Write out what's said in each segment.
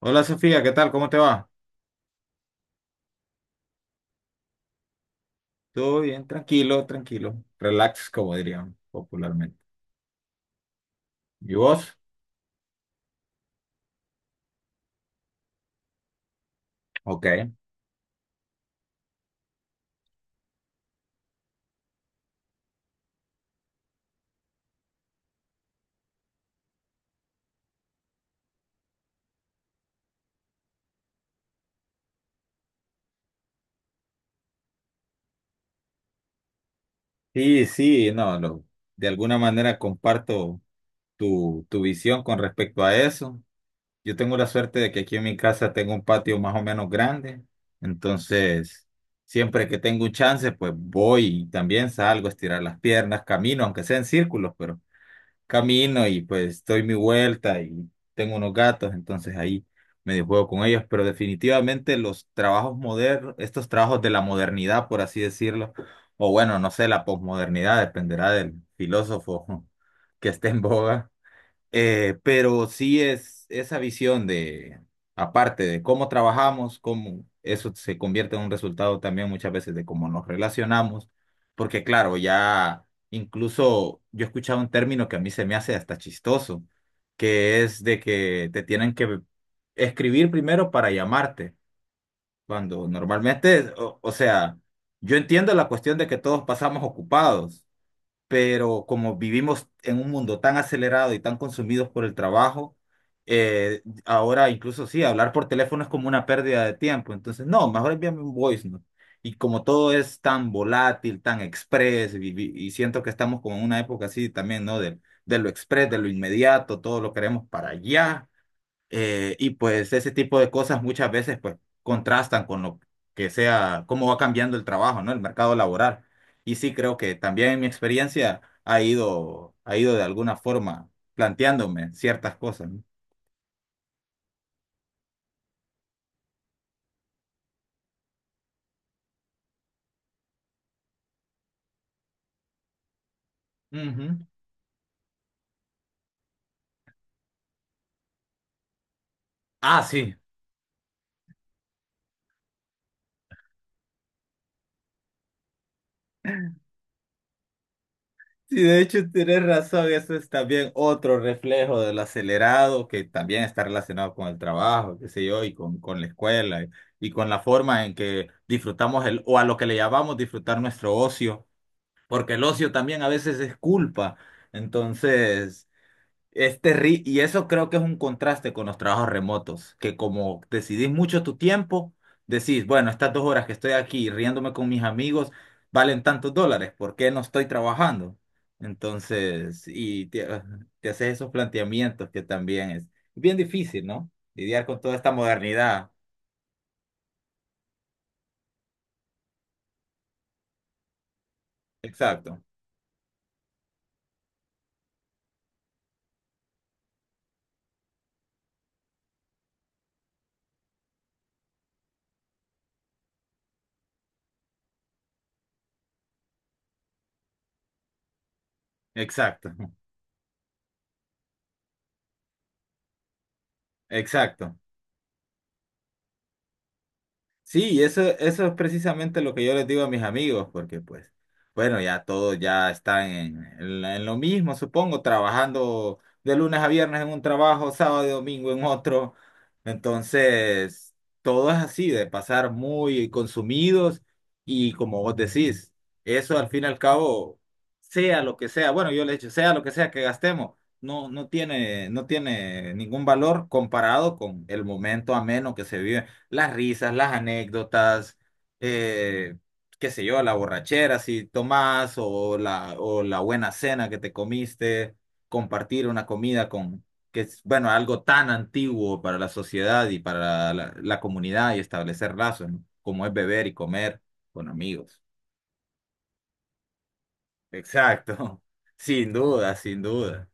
Hola Sofía, ¿qué tal? ¿Cómo te va? Todo bien, tranquilo, tranquilo. Relax, como dirían popularmente. ¿Y vos? Ok. Sí, sí, no, lo- de alguna manera comparto tu visión con respecto a eso. Yo tengo la suerte de que aquí en mi casa tengo un patio más o menos grande, entonces siempre que tengo un chance, pues voy y también salgo a estirar las piernas, camino, aunque sea en círculos, pero camino y pues doy mi vuelta y tengo unos gatos, entonces ahí medio juego con ellos, pero definitivamente los trabajos modernos, estos trabajos de la modernidad, por así decirlo, o bueno, no sé, la posmodernidad, dependerá del filósofo que esté en boga, pero sí es esa visión de, aparte de cómo trabajamos, cómo eso se convierte en un resultado también muchas veces de cómo nos relacionamos, porque claro, ya incluso yo he escuchado un término que a mí se me hace hasta chistoso, que es de que te tienen que escribir primero para llamarte, cuando normalmente, o sea, yo entiendo la cuestión de que todos pasamos ocupados, pero como vivimos en un mundo tan acelerado y tan consumidos por el trabajo, ahora incluso sí, hablar por teléfono es como una pérdida de tiempo. Entonces, no, mejor envíame un voice note. Y como todo es tan volátil, tan express, y siento que estamos como en una época así también, ¿no? De lo express, de lo inmediato, todo lo queremos para allá. Y pues ese tipo de cosas muchas veces pues contrastan con lo que sea, cómo va cambiando el trabajo, ¿no? El mercado laboral. Y sí creo que también en mi experiencia ha ido de alguna forma planteándome ciertas cosas, ¿no? Ujú. Ah, sí. Sí, de hecho tienes razón, eso es también otro reflejo del acelerado que también está relacionado con el trabajo, qué sé yo, y con la escuela y con la forma en que disfrutamos el, o a lo que le llamamos disfrutar nuestro ocio, porque el ocio también a veces es culpa. Entonces, es terri y eso creo que es un contraste con los trabajos remotos, que como decidís mucho tu tiempo, decís, bueno, estas 2 horas que estoy aquí riéndome con mis amigos valen tantos dólares, ¿por qué no estoy trabajando? Entonces, y te, ah, te haces esos planteamientos que también es bien difícil, ¿no? Lidiar con toda esta modernidad. Exacto, exacto, exacto. Sí, eso es precisamente lo que yo les digo a mis amigos, porque pues, bueno, ya todos ya están en la- en lo mismo, supongo, trabajando de lunes a viernes en un trabajo, sábado y domingo en otro. Entonces, todo es así, de pasar muy consumidos y como vos decís, eso al fin y al cabo, sea lo que sea, bueno, yo le he dicho, sea lo que sea que gastemos, no, no tiene, no tiene ningún valor comparado con el momento ameno que se vive, las risas, las anécdotas, eh, qué sé yo, la borrachera si tomás o la buena cena que te comiste, compartir una comida con, que es, bueno, algo tan antiguo para la sociedad y para la comunidad y establecer lazos, ¿no? Como es beber y comer con amigos. Exacto, sin duda, sin duda.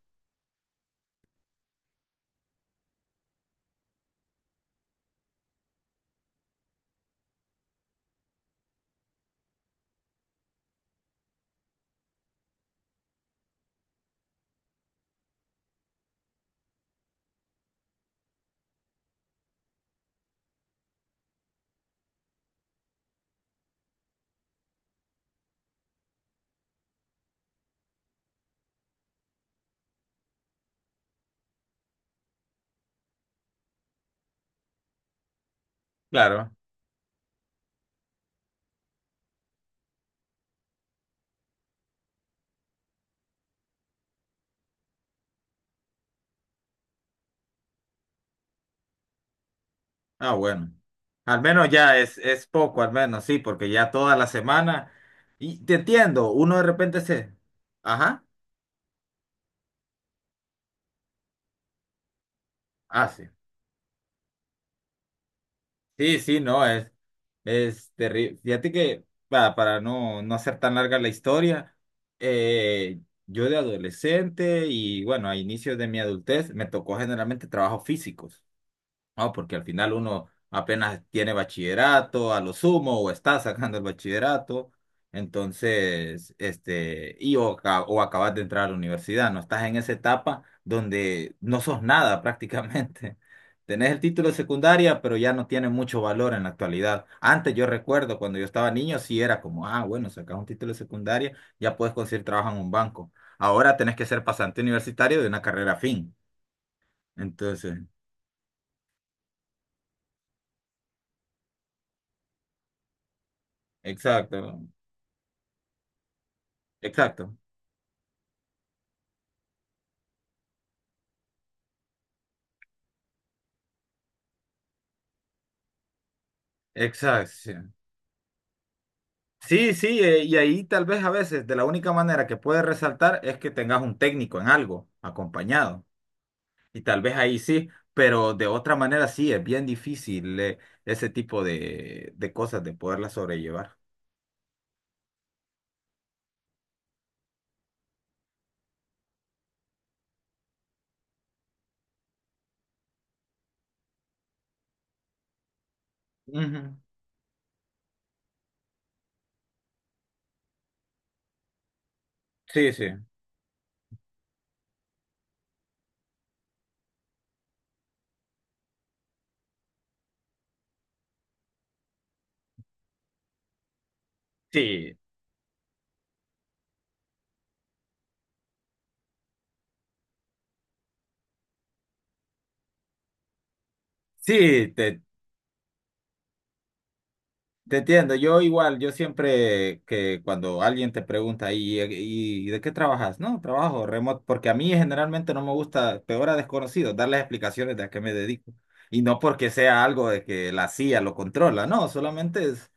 Claro. Ah, bueno. Al menos ya es poco, al menos, sí, porque ya toda la semana. Y te entiendo, uno de repente se. Ajá. Ah, sí. Sí, sí, no, es terrible. Fíjate que, para no, no hacer tan larga la historia, eh, yo de adolescente y bueno, a inicios de mi adultez me tocó generalmente trabajos físicos. No, porque al final uno apenas tiene bachillerato, a lo sumo, o está sacando el bachillerato, entonces, este, y o, ca- o acabas de entrar a la universidad, no estás en esa etapa donde no sos nada prácticamente. Tenés el título de secundaria, pero ya no tiene mucho valor en la actualidad. Antes yo recuerdo cuando yo estaba niño, sí era como, ah, bueno, sacas un título de secundaria, ya puedes conseguir trabajo en un banco. Ahora tenés que ser pasante universitario de una carrera fin. Entonces, exacto, exacto. Exacto. Sí, sí, sí, y ahí tal vez a veces de la única manera que puedes resaltar es que tengas un técnico en algo acompañado. Y tal vez ahí sí, pero de otra manera sí, es bien difícil, ese tipo de cosas de poderlas sobrellevar. Ujú. Sí, sí. Sí, sí, te entiendo, yo igual, yo siempre que cuando alguien te pregunta, y de qué trabajas? No, trabajo remoto, porque a mí generalmente no me gusta, peor a desconocidos, darles explicaciones de a qué me dedico. Y no porque sea algo de que la CIA lo controla, no, solamente es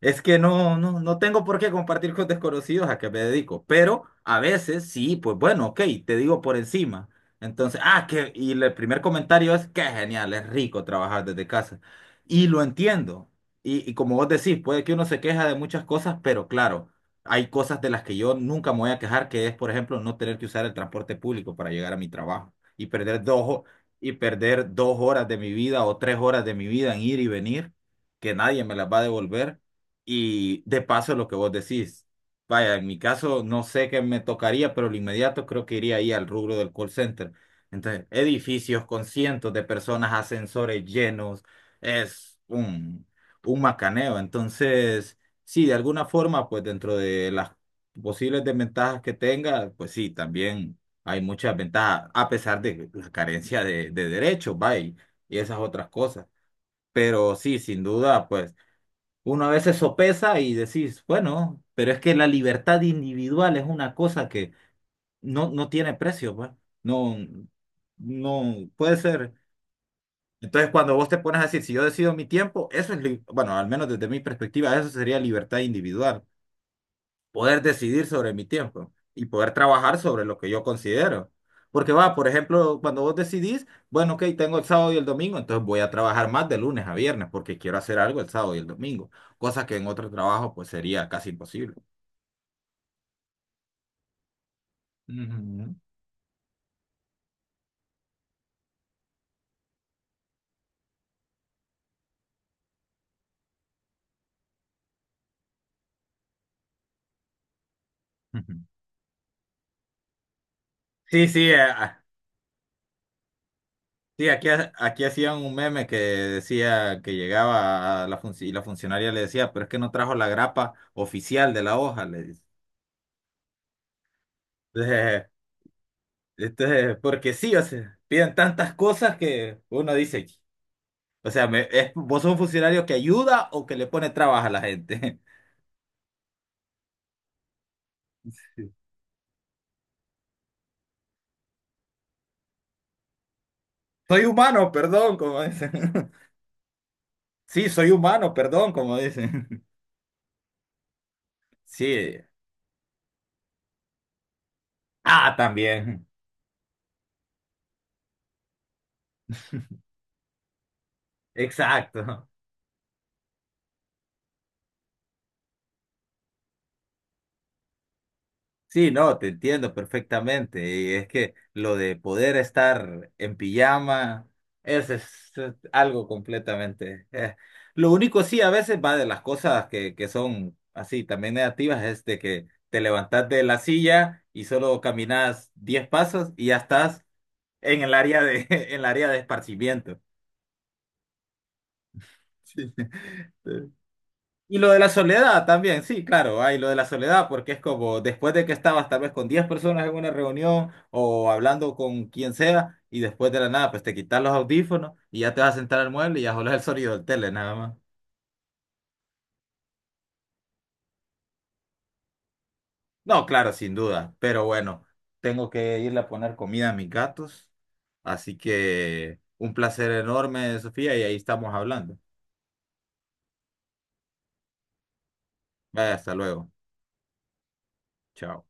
es que no, no, no tengo por qué compartir con desconocidos a qué me dedico, pero a veces sí, pues bueno, ok, te digo por encima. Entonces, ah, que, y el primer comentario es, qué genial, es rico trabajar desde casa. Y lo entiendo. Y como vos decís, puede que uno se queja de muchas cosas, pero claro, hay cosas de las que yo nunca me voy a quejar, que es, por ejemplo, no tener que usar el transporte público para llegar a mi trabajo y perder 2, ho- y perder 2 horas de mi vida o 3 horas de mi vida en ir y venir, que nadie me las va a devolver. Y de paso lo que vos decís, vaya, en mi caso no sé qué me tocaría, pero lo inmediato creo que iría ahí al rubro del call center. Entonces, edificios con 100 de personas, ascensores llenos, es un macaneo. Entonces, sí, de alguna forma, pues dentro de las posibles desventajas que tenga, pues sí, también hay muchas ventajas, a pesar de la carencia de derechos, vaya, y esas otras cosas. Pero sí, sin duda, pues... Uno a veces sopesa y decís, bueno, pero es que la libertad individual es una cosa que no, no tiene precio, pues. No, no puede ser. Entonces, cuando vos te pones a decir, si yo decido mi tiempo, eso es, li- bueno, al menos desde mi perspectiva, eso sería libertad individual, poder decidir sobre mi tiempo y poder trabajar sobre lo que yo considero. Porque va, por ejemplo, cuando vos decidís, bueno, ok, tengo el sábado y el domingo, entonces voy a trabajar más de lunes a viernes porque quiero hacer algo el sábado y el domingo, cosa que en otro trabajo pues sería casi imposible. Ujú. Ujú. Sí, sí, sí, aquí, ha- aquí hacían un meme que decía que llegaba a la funci- y la funcionaria le decía, pero es que no trajo la grapa oficial de la hoja, le dice. Entonces, porque sí, o sea, piden tantas cosas que uno dice, o sea, me- es- vos sos un funcionario que ayuda o que le pone trabajo a la gente. Sí. Soy humano, perdón, como dicen. Sí, soy humano, perdón, como dicen. Sí. Ah, también. Exacto. Sí, no, te entiendo perfectamente. Y es que lo de poder estar en pijama, eso es algo completamente. Lo único sí, a veces va de las cosas que son así también negativas, es de que te levantás de la silla y solo caminas 10 pasos y ya estás en el área de, en el área de esparcimiento. Sí. Y lo de la soledad también, sí, claro, hay lo de la soledad, porque es como después de que estabas tal vez con 10 personas en una reunión o hablando con quien sea, y después de la nada, pues te quitas los audífonos y ya te vas a sentar al mueble y ya solo es el sonido del tele, nada más. No, claro, sin duda, pero bueno, tengo que irle a poner comida a mis gatos, así que un placer enorme, Sofía, y ahí estamos hablando. Vaya, hasta luego. Chao.